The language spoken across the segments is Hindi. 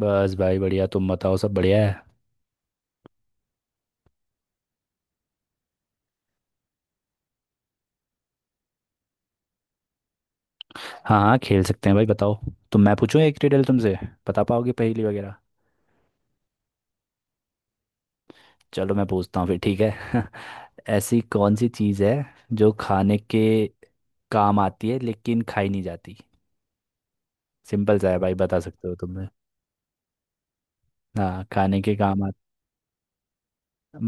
बस भाई बढ़िया। तुम बताओ, सब बढ़िया है। हाँ हाँ, खेल सकते हैं भाई, बताओ। तो मैं पूछूं एक रिडल तुमसे, बता पाओगे पहेली वगैरह? चलो मैं पूछता हूँ फिर, ठीक है। ऐसी कौन सी चीज़ है जो खाने के काम आती है लेकिन खाई नहीं जाती। सिंपल सा है भाई, बता सकते हो तुमने? हाँ, खाने के काम आ,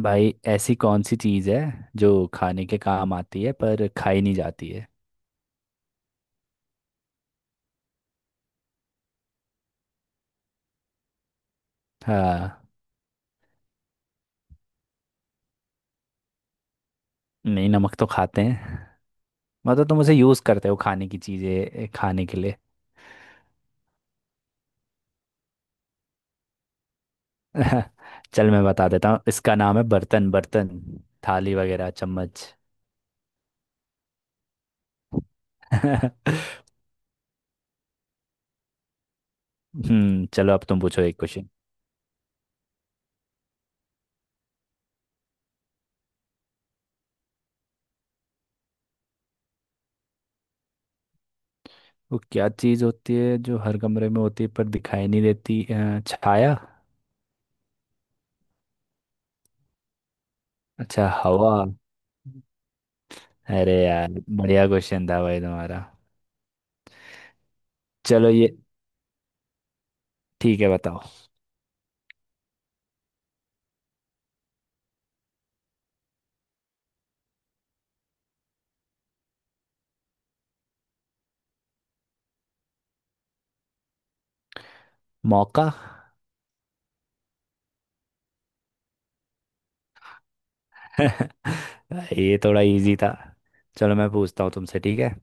भाई ऐसी कौन सी चीज़ है जो खाने के काम आती है पर खाई नहीं जाती है। हाँ। नहीं, नमक तो खाते हैं। मतलब तुम उसे यूज़ करते हो खाने की चीज़ें खाने के लिए। चल मैं बता देता हूँ, इसका नाम है बर्तन। बर्तन, थाली वगैरह, चम्मच। हम्म। चलो अब तुम पूछो एक क्वेश्चन। वो क्या चीज़ होती है जो हर कमरे में होती है पर दिखाई नहीं देती? छाया। अच्छा, हवा। अरे यार बढ़िया क्वेश्चन था भाई तुम्हारा। चलो ये ठीक है, बताओ। मौका। ये थोड़ा इजी था। चलो मैं पूछता हूँ तुमसे, ठीक है।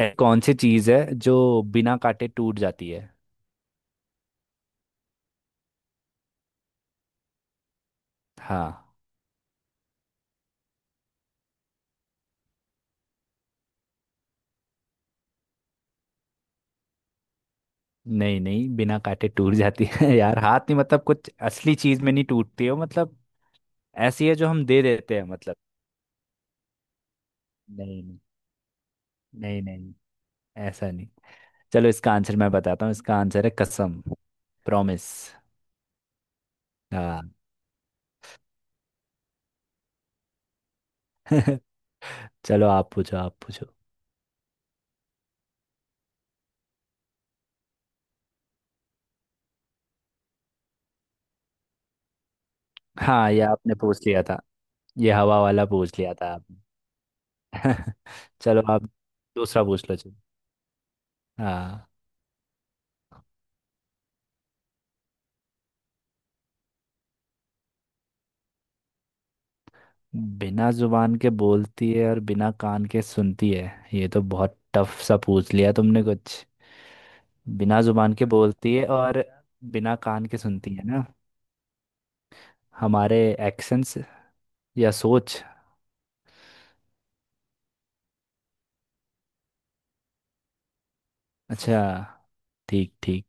कौन सी चीज़ है जो बिना काटे टूट जाती है? हाँ। नहीं नहीं, बिना काटे टूट जाती है। यार हाथ नहीं, मतलब कुछ असली चीज में नहीं टूटती हो मतलब। ऐसी है जो हम दे देते हैं मतलब। नहीं। नहीं नहीं नहीं। ऐसा नहीं। चलो इसका आंसर मैं बताता हूँ, इसका आंसर है कसम, प्रॉमिस। हाँ। चलो आप पूछो, आप पूछो। हाँ, ये आपने पूछ लिया था। ये हवा वाला पूछ लिया था आपने। चलो आप, दूसरा पूछ लो चलो। हाँ। बिना जुबान के बोलती है और बिना कान के सुनती है? ये तो बहुत टफ सा पूछ लिया तुमने कुछ। बिना जुबान के बोलती है और बिना कान के सुनती है ना? हमारे एक्शंस या सोच। अच्छा, ठीक ठीक।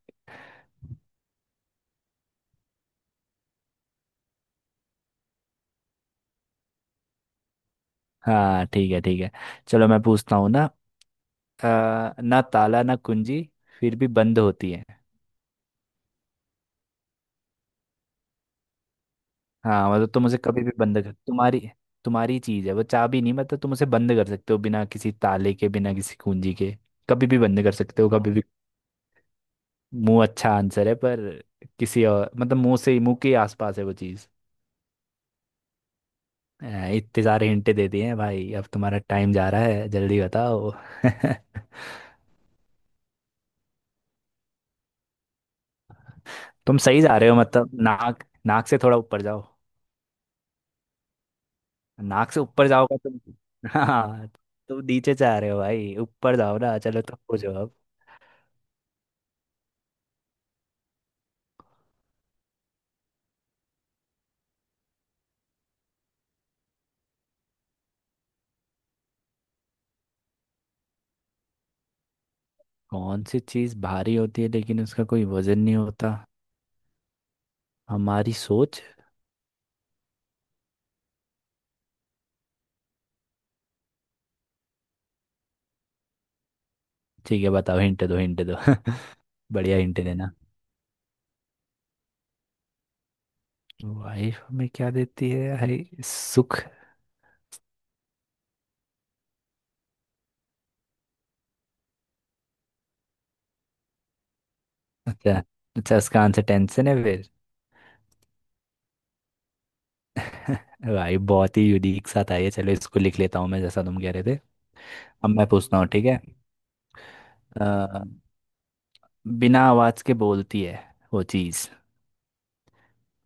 हाँ ठीक है, ठीक है। चलो मैं पूछता हूँ ना। ना ताला ना कुंजी, फिर भी बंद होती है। हाँ मतलब तुम उसे कभी भी बंद कर, तुम्हारी तुम्हारी चीज है वो, चाबी नहीं, मतलब तुम उसे बंद कर सकते हो बिना किसी ताले के, बिना किसी कुंजी के। कभी भी बंद कर सकते हो, कभी भी। मुंह, अच्छा आंसर है पर किसी और मतलब, मुंह से मुंह के आसपास है वो चीज। इतने सारे हिंटे दे दिए हैं भाई, अब तुम्हारा टाइम जा रहा है, जल्दी बताओ। तुम सही जा रहे हो मतलब, नाक, नाक से थोड़ा ऊपर जाओ। नाक से ऊपर जाओगे तुम। हाँ। तुम नीचे जा रहे हो भाई, ऊपर जाओ ना। चलो तुम पूछो अब। कौन सी चीज़ भारी होती है लेकिन उसका कोई वजन नहीं होता? हमारी सोच। ठीक है बताओ, हिंट दो हिंट दो। बढ़िया हिंट देना। वाइफ हमें क्या देती है भाई? सुख? अच्छा, अच्छा इसका आंसर टेंशन है। भाई बहुत ही यूनिक सा था ये, चलो इसको लिख लेता हूँ मैं जैसा तुम कह रहे थे। अब मैं पूछता हूँ, ठीक है। अ, बिना आवाज के बोलती है वो चीज,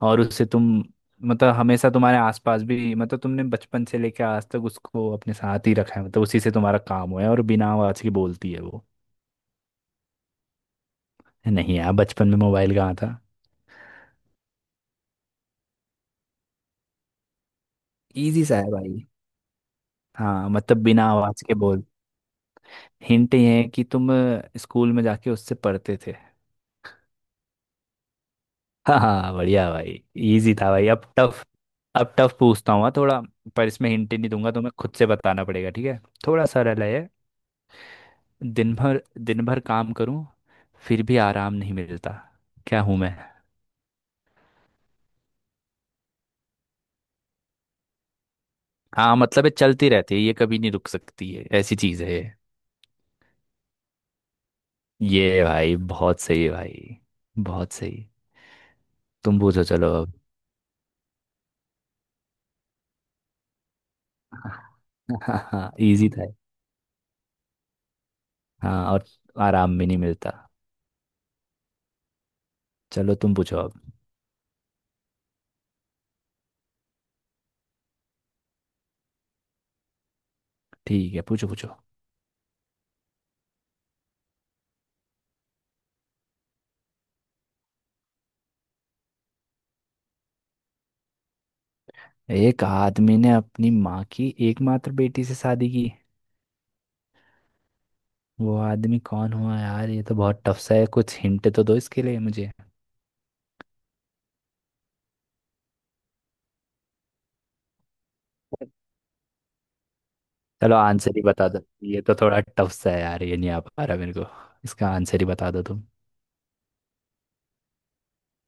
और उससे तुम मतलब हमेशा तुम्हारे आसपास भी, मतलब तुमने बचपन से लेकर आज तक उसको अपने साथ ही रखा है, मतलब उसी से तुम्हारा काम हुआ है, और बिना आवाज के बोलती है वो। नहीं यार, बचपन में मोबाइल कहाँ था। इजी सा है भाई। हाँ मतलब बिना आवाज के बोल। हिंट ये है कि तुम स्कूल में जाके उससे पढ़ते थे। हाँ हाँ, बढ़िया भाई। इजी था भाई, अब टफ। अब टफ पूछता हूँ हाँ, थोड़ा। पर इसमें हिंट नहीं दूंगा, तुम्हें खुद से बताना पड़ेगा, ठीक है। थोड़ा सरल है ये। दिन भर, दिन भर काम करूँ, फिर भी आराम नहीं मिलता, क्या हूँ मैं? हाँ मतलब ये चलती रहती है, ये कभी नहीं रुक सकती है, ऐसी चीज है ये। ये भाई बहुत सही है भाई, बहुत सही। तुम पूछो चलो अब। हाँ हाँ, इजी था ये। हाँ, और आराम भी नहीं मिलता। चलो तुम पूछो अब। ठीक है, पूछो पूछो। एक आदमी ने अपनी माँ की एकमात्र बेटी से शादी की, वो आदमी कौन हुआ? यार ये तो बहुत टफ सा है, कुछ हिंट तो दो इसके लिए मुझे। चलो आंसर ही बता दो, ये तो थोड़ा टफ सा है यार, ये नहीं आ पा रहा मेरे को। इसका आंसर ही बता दो तुम।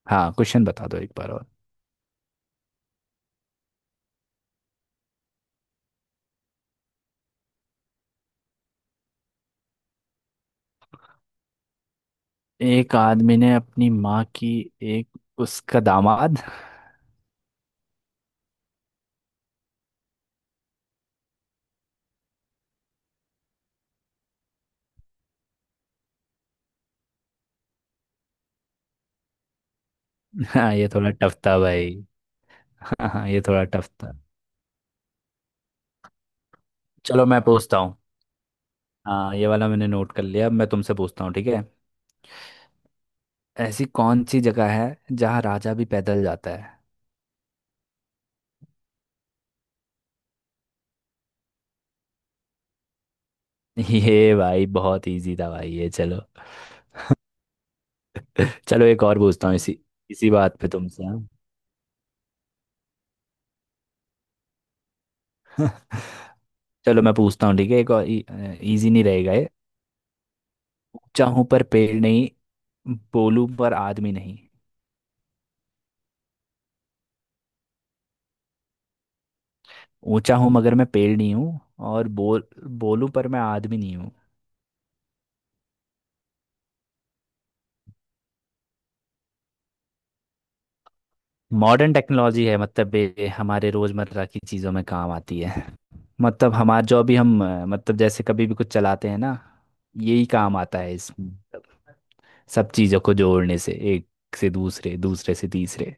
हाँ क्वेश्चन बता दो एक बार और। एक आदमी ने अपनी माँ की एक, उसका दामाद। हाँ ये थोड़ा टफ था भाई। हाँ हाँ, ये थोड़ा टफ था। चलो मैं पूछता हूँ। हाँ ये वाला मैंने नोट कर लिया, अब मैं तुमसे पूछता हूँ, ठीक है। ऐसी कौन सी जगह है जहाँ राजा भी पैदल जाता है? ये भाई बहुत इजी था भाई ये, चलो। चलो एक और पूछता हूँ इसी, इसी बात पे तुमसे हाँ। चलो मैं पूछता हूँ, ठीक है एक और, इजी नहीं रहेगा ये। ऊंचा हूँ पर पेड़ नहीं, बोलूं पर आदमी नहीं। ऊंचा हूँ मगर मैं पेड़ नहीं हूँ, और बोल, बोलूं पर मैं आदमी नहीं हूँ। मॉडर्न टेक्नोलॉजी है, मतलब ये हमारे रोज़मर्रा की चीज़ों में काम आती है। मतलब हमारा जो भी हम मतलब जैसे कभी भी कुछ चलाते हैं ना, यही काम आता है इस। सब चीज़ों को जोड़ने से, एक से दूसरे, दूसरे से तीसरे।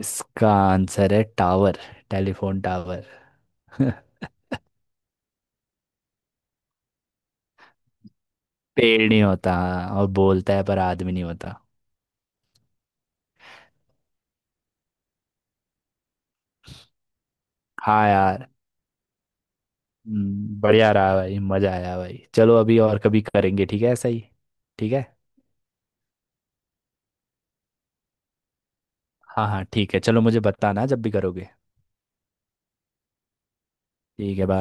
इसका आंसर है टावर, टेलीफोन टावर। पेड़ नहीं होता हाँ, और बोलता है पर आदमी नहीं होता। हाँ यार। बढ़िया रहा भाई, मज़ा आया भाई, चलो अभी और कभी करेंगे ठीक है, ऐसा ही। ठीक है। हाँ हाँ ठीक है, चलो मुझे बताना जब भी करोगे। ठीक है, बाय।